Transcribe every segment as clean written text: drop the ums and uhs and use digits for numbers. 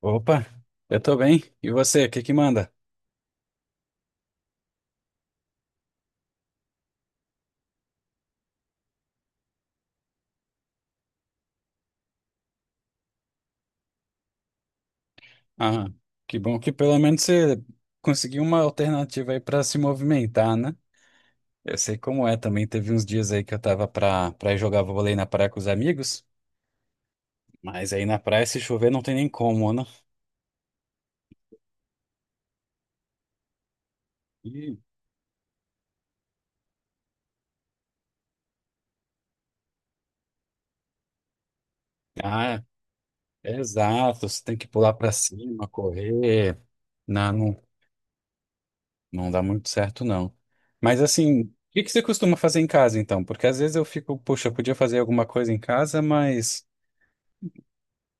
Opa, eu tô bem. E você, o que que manda? Ah, que bom que pelo menos você conseguiu uma alternativa aí pra se movimentar, né? Eu sei como é também. Teve uns dias aí que eu tava pra ir jogar vôlei na praia com os amigos, mas aí na praia, se chover, não tem nem como, né? Ih, ah, exato. Você tem que pular pra cima, correr. Não, não, não dá muito certo, não. Mas assim, o que que você costuma fazer em casa, então? Porque às vezes eu fico, poxa, eu podia fazer alguma coisa em casa, mas.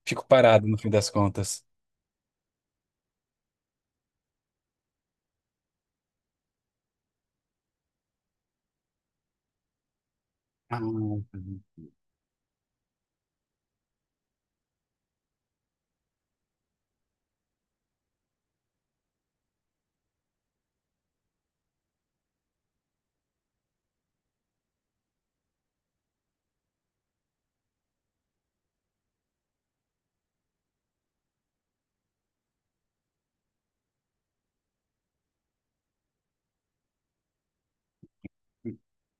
Fico parado no fim das contas. Ah, uhum.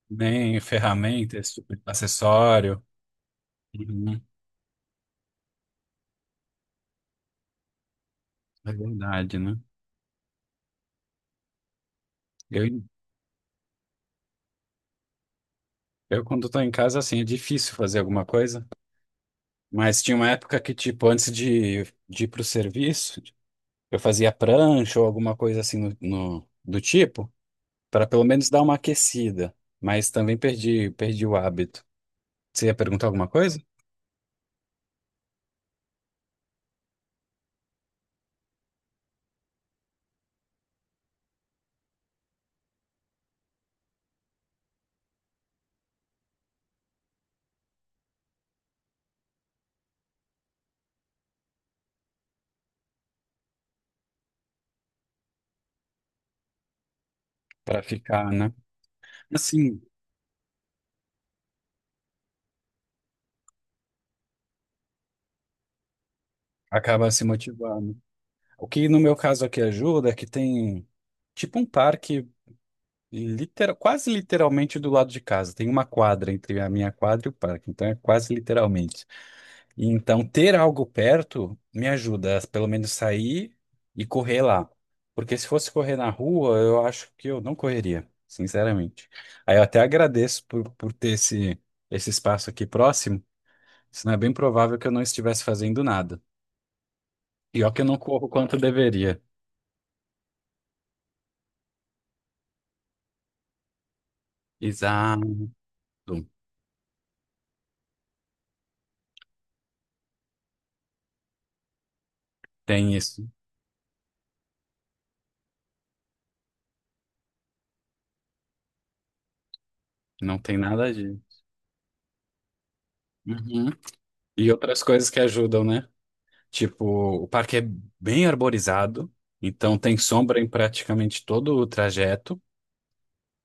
Nem ferramenta, esse tipo de acessório. Uhum. É verdade, né? Eu, eu quando estou em casa, assim, é difícil fazer alguma coisa. Mas tinha uma época que, tipo, antes de ir pro serviço, eu fazia prancha ou alguma coisa assim no, do tipo, para pelo menos dar uma aquecida. Mas também perdi o hábito. Você ia perguntar alguma coisa? Para ficar, né? Assim, acaba se motivando. O que no meu caso aqui ajuda é que tem tipo um parque literal, quase literalmente do lado de casa. Tem uma quadra entre a minha quadra e o parque, então é quase literalmente. E então ter algo perto me ajuda a pelo menos sair e correr lá. Porque se fosse correr na rua, eu acho que eu não correria, sinceramente. Aí eu até agradeço por ter esse, esse espaço aqui próximo, senão é bem provável que eu não estivesse fazendo nada. E ó que eu não corro quanto deveria. Exato. Tem isso. Não tem nada de. Uhum. E outras coisas que ajudam, né? Tipo, o parque é bem arborizado, então tem sombra em praticamente todo o trajeto.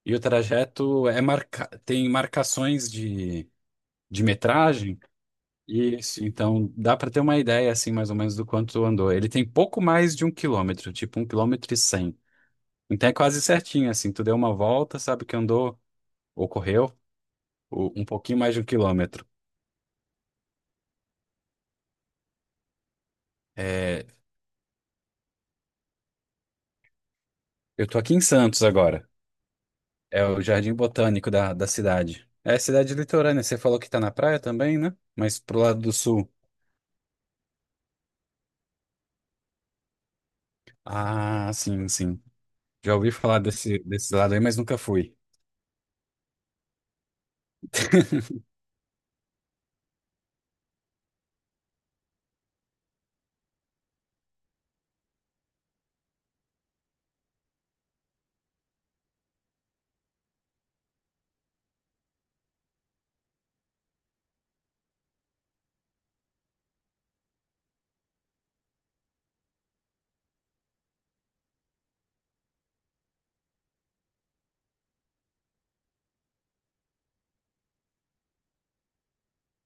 E o trajeto é marca... tem marcações de metragem. Isso, então dá para ter uma ideia, assim, mais ou menos do quanto andou. Ele tem pouco mais de 1 quilômetro, tipo 1 quilômetro e 100. Então é quase certinho, assim, tu deu uma volta, sabe que andou, ou correu, um pouquinho mais de 1 quilômetro. É, eu tô aqui em Santos agora. É o Jardim Botânico da cidade. É cidade litorânea. Você falou que tá na praia também, né? Mas pro lado do sul. Ah, sim, sim. Já ouvi falar desse lado aí, mas nunca fui.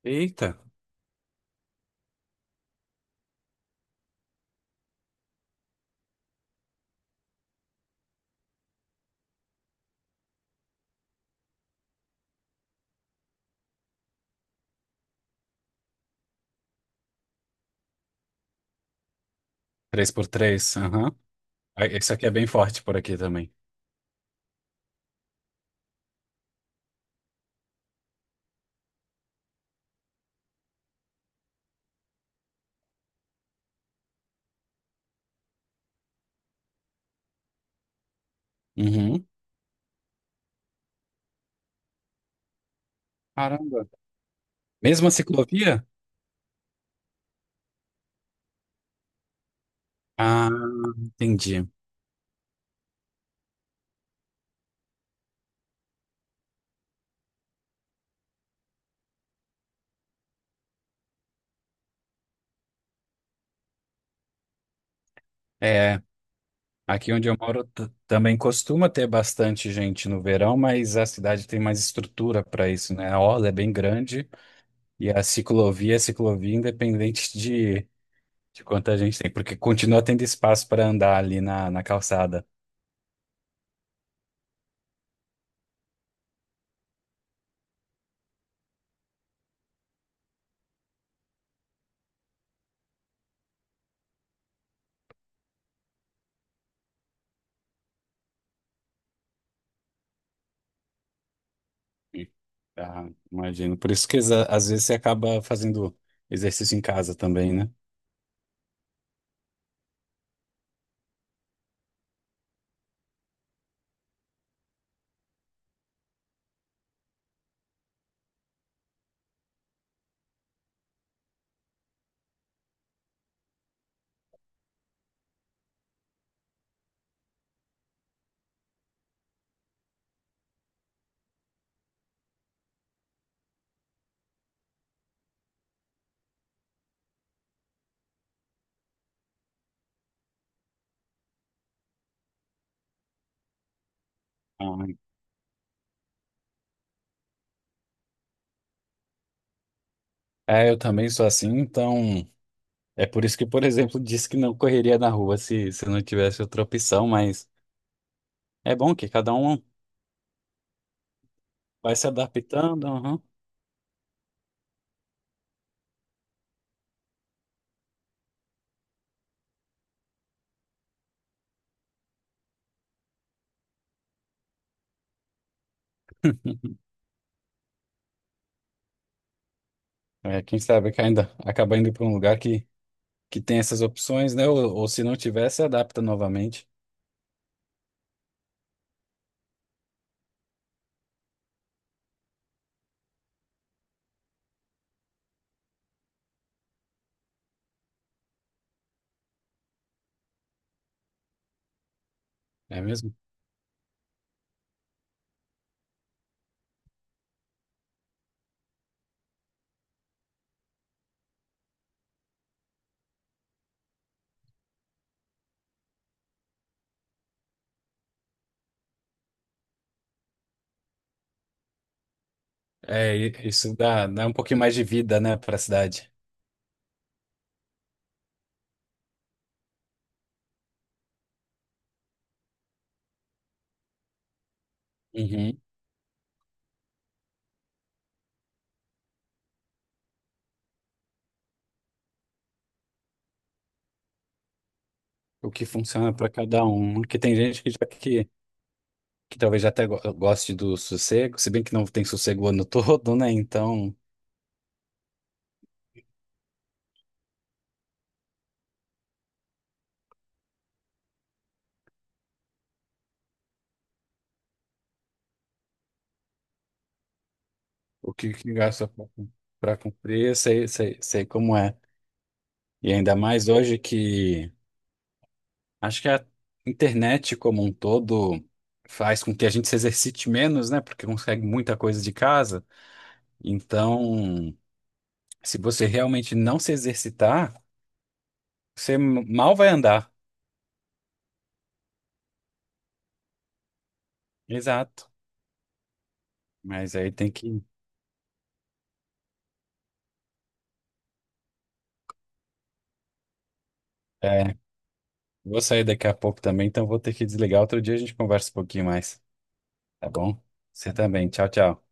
Eita, 3x3. Aham. Ah, esse aqui é bem forte por aqui também. Uhum. Caramba. Mesma ciclovia? Ah, entendi. É, aqui onde eu moro também costuma ter bastante gente no verão, mas a cidade tem mais estrutura para isso, né? A orla é bem grande. E a ciclovia é ciclovia independente de, quanta gente tem, porque continua tendo espaço para andar ali na calçada. E, ah, imagino. Por isso que às vezes você acaba fazendo exercício em casa também, né? Ah, é, eu também sou assim, então é por isso que, por exemplo, disse que não correria na rua se não tivesse outra opção, mas. É bom que cada um vai se adaptando. Aham. É, quem sabe que ainda acaba indo para um lugar que tem essas opções, né? Ou se não tiver, se adapta novamente. É mesmo? É, isso dá um pouquinho mais de vida, né, para a cidade. Uhum. O que funciona para cada um. Porque tem gente que, já, que talvez já até goste do sossego, se bem que não tem sossego o ano todo, né? Então, o que, que gasta para cumprir, eu sei, sei, sei como é. E ainda mais hoje que. Acho que a internet como um todo faz com que a gente se exercite menos, né? Porque consegue muita coisa de casa. Então, se você realmente não se exercitar, você mal vai andar. Exato. Mas aí tem que. É, vou sair daqui a pouco também, então vou ter que desligar. Outro dia a gente conversa um pouquinho mais, tá bom? Você também. Tchau, tchau.